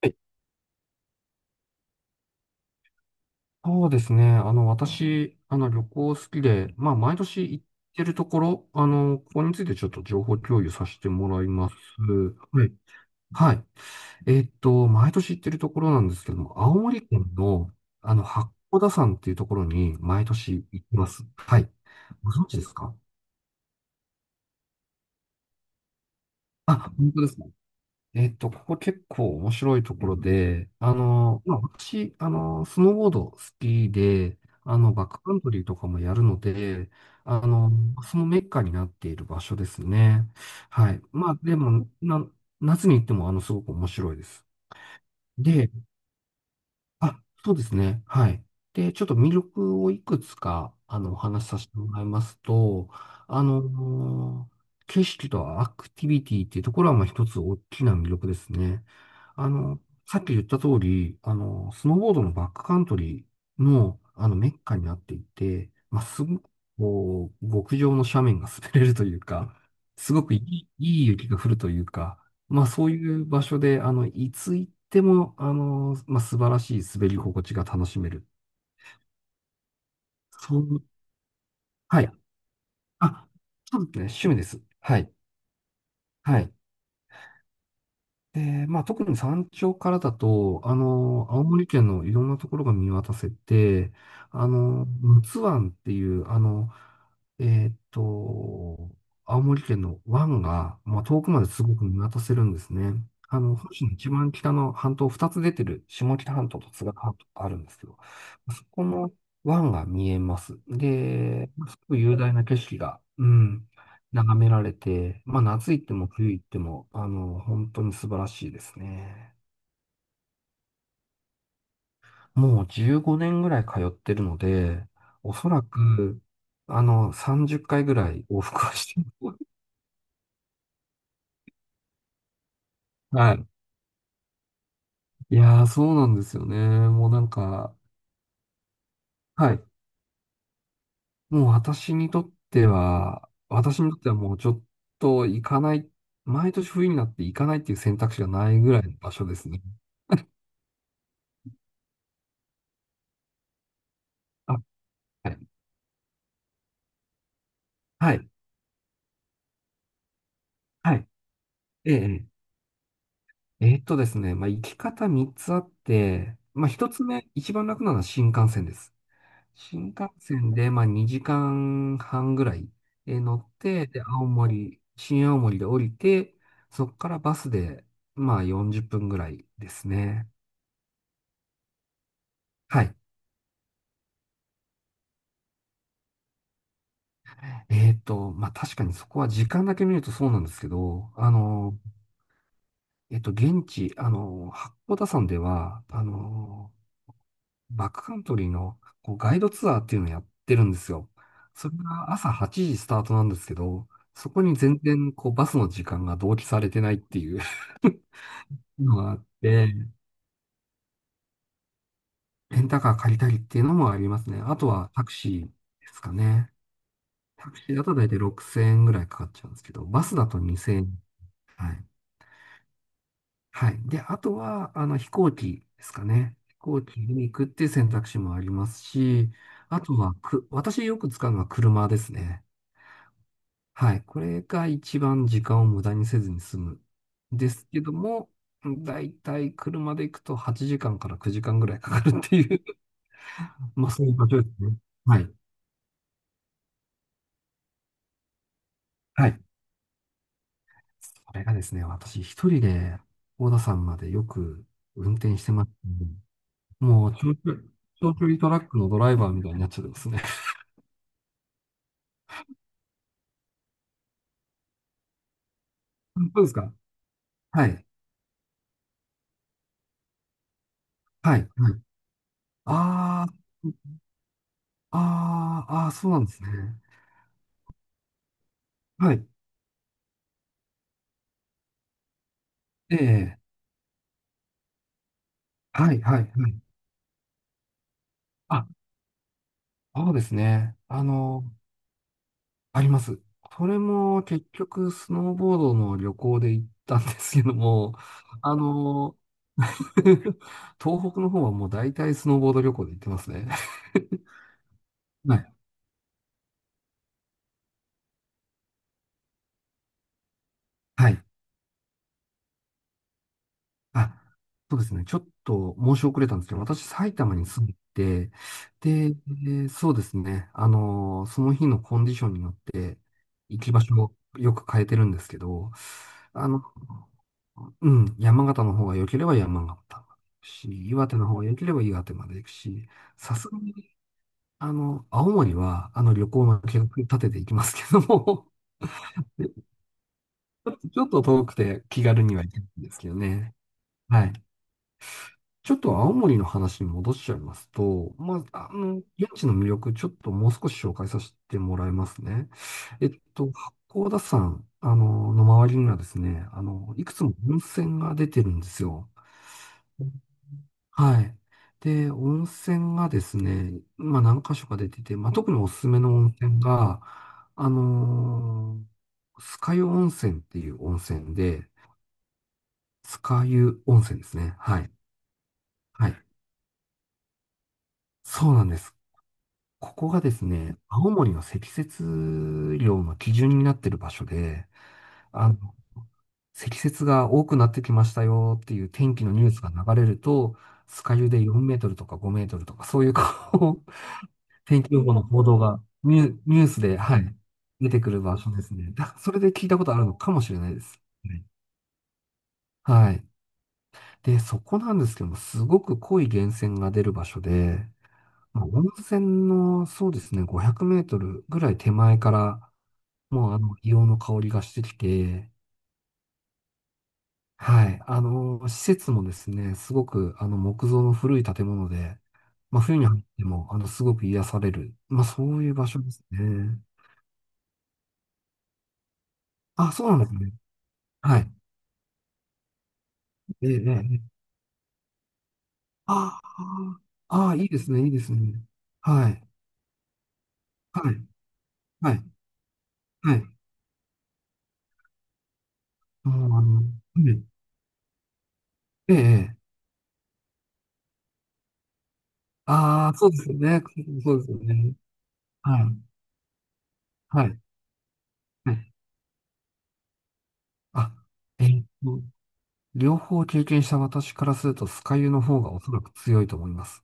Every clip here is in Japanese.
はい。そうですね。私、旅行好きで、毎年行ってるところ、ここについてちょっと情報共有させてもらいます。はい。はい。毎年行ってるところなんですけども、青森県の、八甲田山っていうところに毎年行ってます。はい。ご存知ですか？あ、本当ですか？ここ結構面白いところで、私、スノーボード好きで、バックカントリーとかもやるので、あの、そのメッカになっている場所ですね。はい。まあ、でも、な、夏に行っても、すごく面白いです。で、あ、そうですね。はい。で、ちょっと魅力をいくつか、お話しさせてもらいますと、あの景色とアクティビティっていうところは、まあ、一つ大きな魅力ですね。あの、さっき言った通り、スノーボードのバックカントリーの、メッカになっていて、まあ、すごく、こう、極上の斜面が滑れるというか、すごくいい雪が降るというか、まあそういう場所で、いつ行っても、まあ素晴らしい滑り心地が楽しめる。そう、はい。あ、そうですね。趣味です。はい。はい。で、まあ、特に山頂からだと、青森県のいろんなところが見渡せて、あの、陸奥湾っていう、えーっと、青森県の湾が、まあ、遠くまですごく見渡せるんですね。本州の一番北の半島、二つ出てる、下北半島と津軽半島があるんですけど、そこの湾が見えます。で、すごく雄大な景色が、うん、眺められて、まあ夏行っても冬行っても、本当に素晴らしいですね。もう15年ぐらい通ってるので、おそらく、30回ぐらい往復はしてる。はい。いやー、そうなんですよね。もうなんか、はい。もう私にとってはもうちょっと行かない、毎年冬になって行かないっていう選択肢がないぐらいの場所ですね。あ、はい。はい。はい。ええ。ええ。えーっとですね、まあ、行き方3つあって、まあ、1つ目、一番楽なのは新幹線です。新幹線で、まあ、2時間半ぐらい乗って、で、新青森で降りて、そこからバスで、まあ、40分ぐらいですね。はい。まあ、確かにそこは時間だけ見るとそうなんですけど、現地、八甲田山では、バックカントリーのこうガイドツアーっていうのをやってるんですよ。それが朝8時スタートなんですけど、そこに全然こうバスの時間が同期されてないっていう のがあって、レンタカー借りたりっていうのもありますね。あとはタクシーですかね。タクシーだと大体6000円ぐらいかかっちゃうんですけど、バスだと2000円。はい。はい。で、あとは、飛行機ですかね。飛行機に行くっていう選択肢もありますし、あとはく、私よく使うのは車ですね。はい。これが一番時間を無駄にせずに済む。ですけども、だいたい車で行くと8時間から9時間ぐらいかかるっていう まあそういう場所ですね。はい。はい。それがですね、私一人で大田山までよく運転してますので。もう長距離トラックのドライバーみたいになっちゃってますね。そうですか？はい。はい。はい。あーあーそうなんですね。はい。ええ。はい、はい、はい。あ、そうですね。あります。それも結局、スノーボードの旅行で行ったんですけども、あの、東北の方はもう大体スノーボード旅行で行ってますね。はい。はい。あ、そうですね。ちょっと申し遅れたんですけど、私、埼玉に住んでて、で、そうですね。その日のコンディションによって行き場所をよく変えてるんですけど、あのうん、山形の方が良ければ山形まで行くし、岩手の方が良ければ岩手まで行くし、さすがに、青森は、旅行の計画立てていきますけども で、ちょっと ちょっと遠くて気軽には行けないんですけどね。はい。ちょっと青森の話に戻しちゃいますと、現地の魅力、ちょっともう少し紹介させてもらいますね。八甲田山、の周りにはですね、いくつも温泉が出てるんですよ。はい。で、温泉がですね、まあ何箇所か出てて、まあ特におすすめの温泉が、あの酸ヶ湯温泉っていう温泉で、酸ヶ湯温泉ですね。はい。はい。そうなんです。ここがですね、青森の積雪量の基準になってる場所で、あの、積雪が多くなってきましたよっていう天気のニュースが流れると、酸ヶ湯で4メートルとか5メートルとか、そういうこう天気予報の報道がニュースで、はい、出てくる場所ですね。だ、それで聞いたことあるのかもしれないです。はい。はい。で、そこなんですけども、すごく濃い源泉が出る場所で、まあ、温泉の、そうですね、500メートルぐらい手前から、もうあの、硫黄の香りがしてきて、はい。施設もですね、すごく、木造の古い建物で、まあ、冬に入っても、すごく癒される。まあ、そういう場所ですね。あ、そうなんですね。はい。ええ、ええ。あああ、いいですね。はい、はい、はい、はい。あああの、うん、ええ、ええ。ああ、そうですよね。そうですよね。はい、はい、はい。あ、えっと、両方経験した私からすると、酸ヶ湯の方がおそらく強いと思います。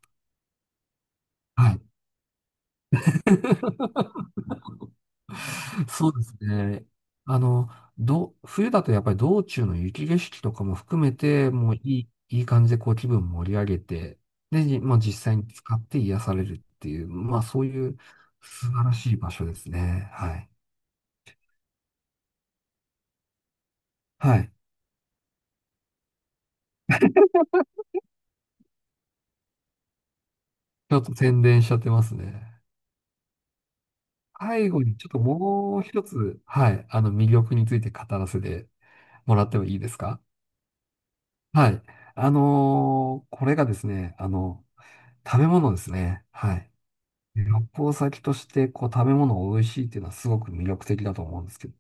はい。そうですね。あの、冬だとやっぱり道中の雪景色とかも含めて、もういい感じでこう気分盛り上げて、で、まあ、実際に使って癒されるっていう、まあそういう素晴らしい場所ですね。はい。はい。ちょっと宣伝しちゃってますね。最後にちょっともう一つ、はい、あの魅力について語らせてもらってもいいですか？はい。これがですね、食べ物ですね。はい。旅行先として、こう、食べ物を美味しいっていうのはすごく魅力的だと思うんですけど。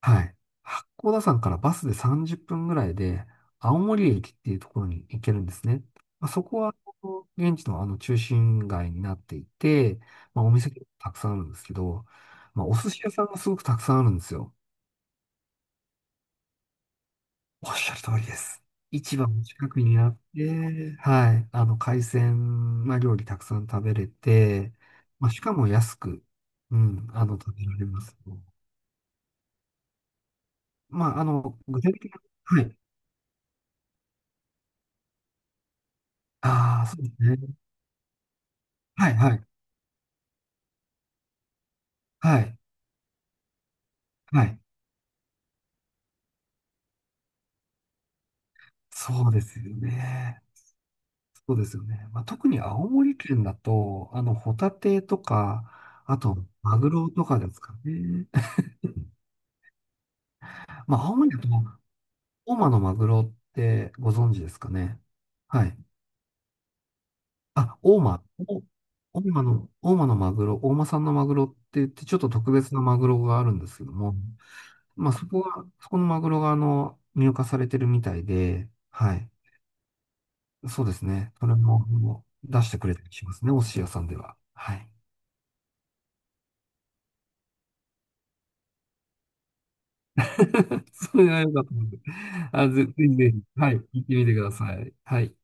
はい。八甲田山からバスで30分ぐらいで、青森駅っていうところに行けるんですね。まあ、そこは、こう現地のあの中心街になっていて、まあ、お店がたくさんあるんですけど、まあ、お寿司屋さんがすごくたくさんあるんですよ。おっしゃる通りです。市場の近くにあって、はい、海鮮、まあ、料理たくさん食べれて、まあ、しかも安く、うん、食べられます。まあ、あの、具体的な、はい。ああ、そうですね。はい、はい、はい、はい。そうですよね。そうですよね。まあ、特に青森県だと、ホタテとか、あと、マグロとかですかね。まあ、青森だと、大間のマグロってご存知ですかね？はい。あ、大間。お大間のマグロ、大間産のマグロって言って、ちょっと特別なマグロがあるんですけども、そこのマグロが入荷されてるみたいで、はい。そうですね。それも、あの出してくれたりしますね、お寿司屋さんでは。はい。それが良かったので、あ、ぜひぜひ、はい、行ってみてください。はい。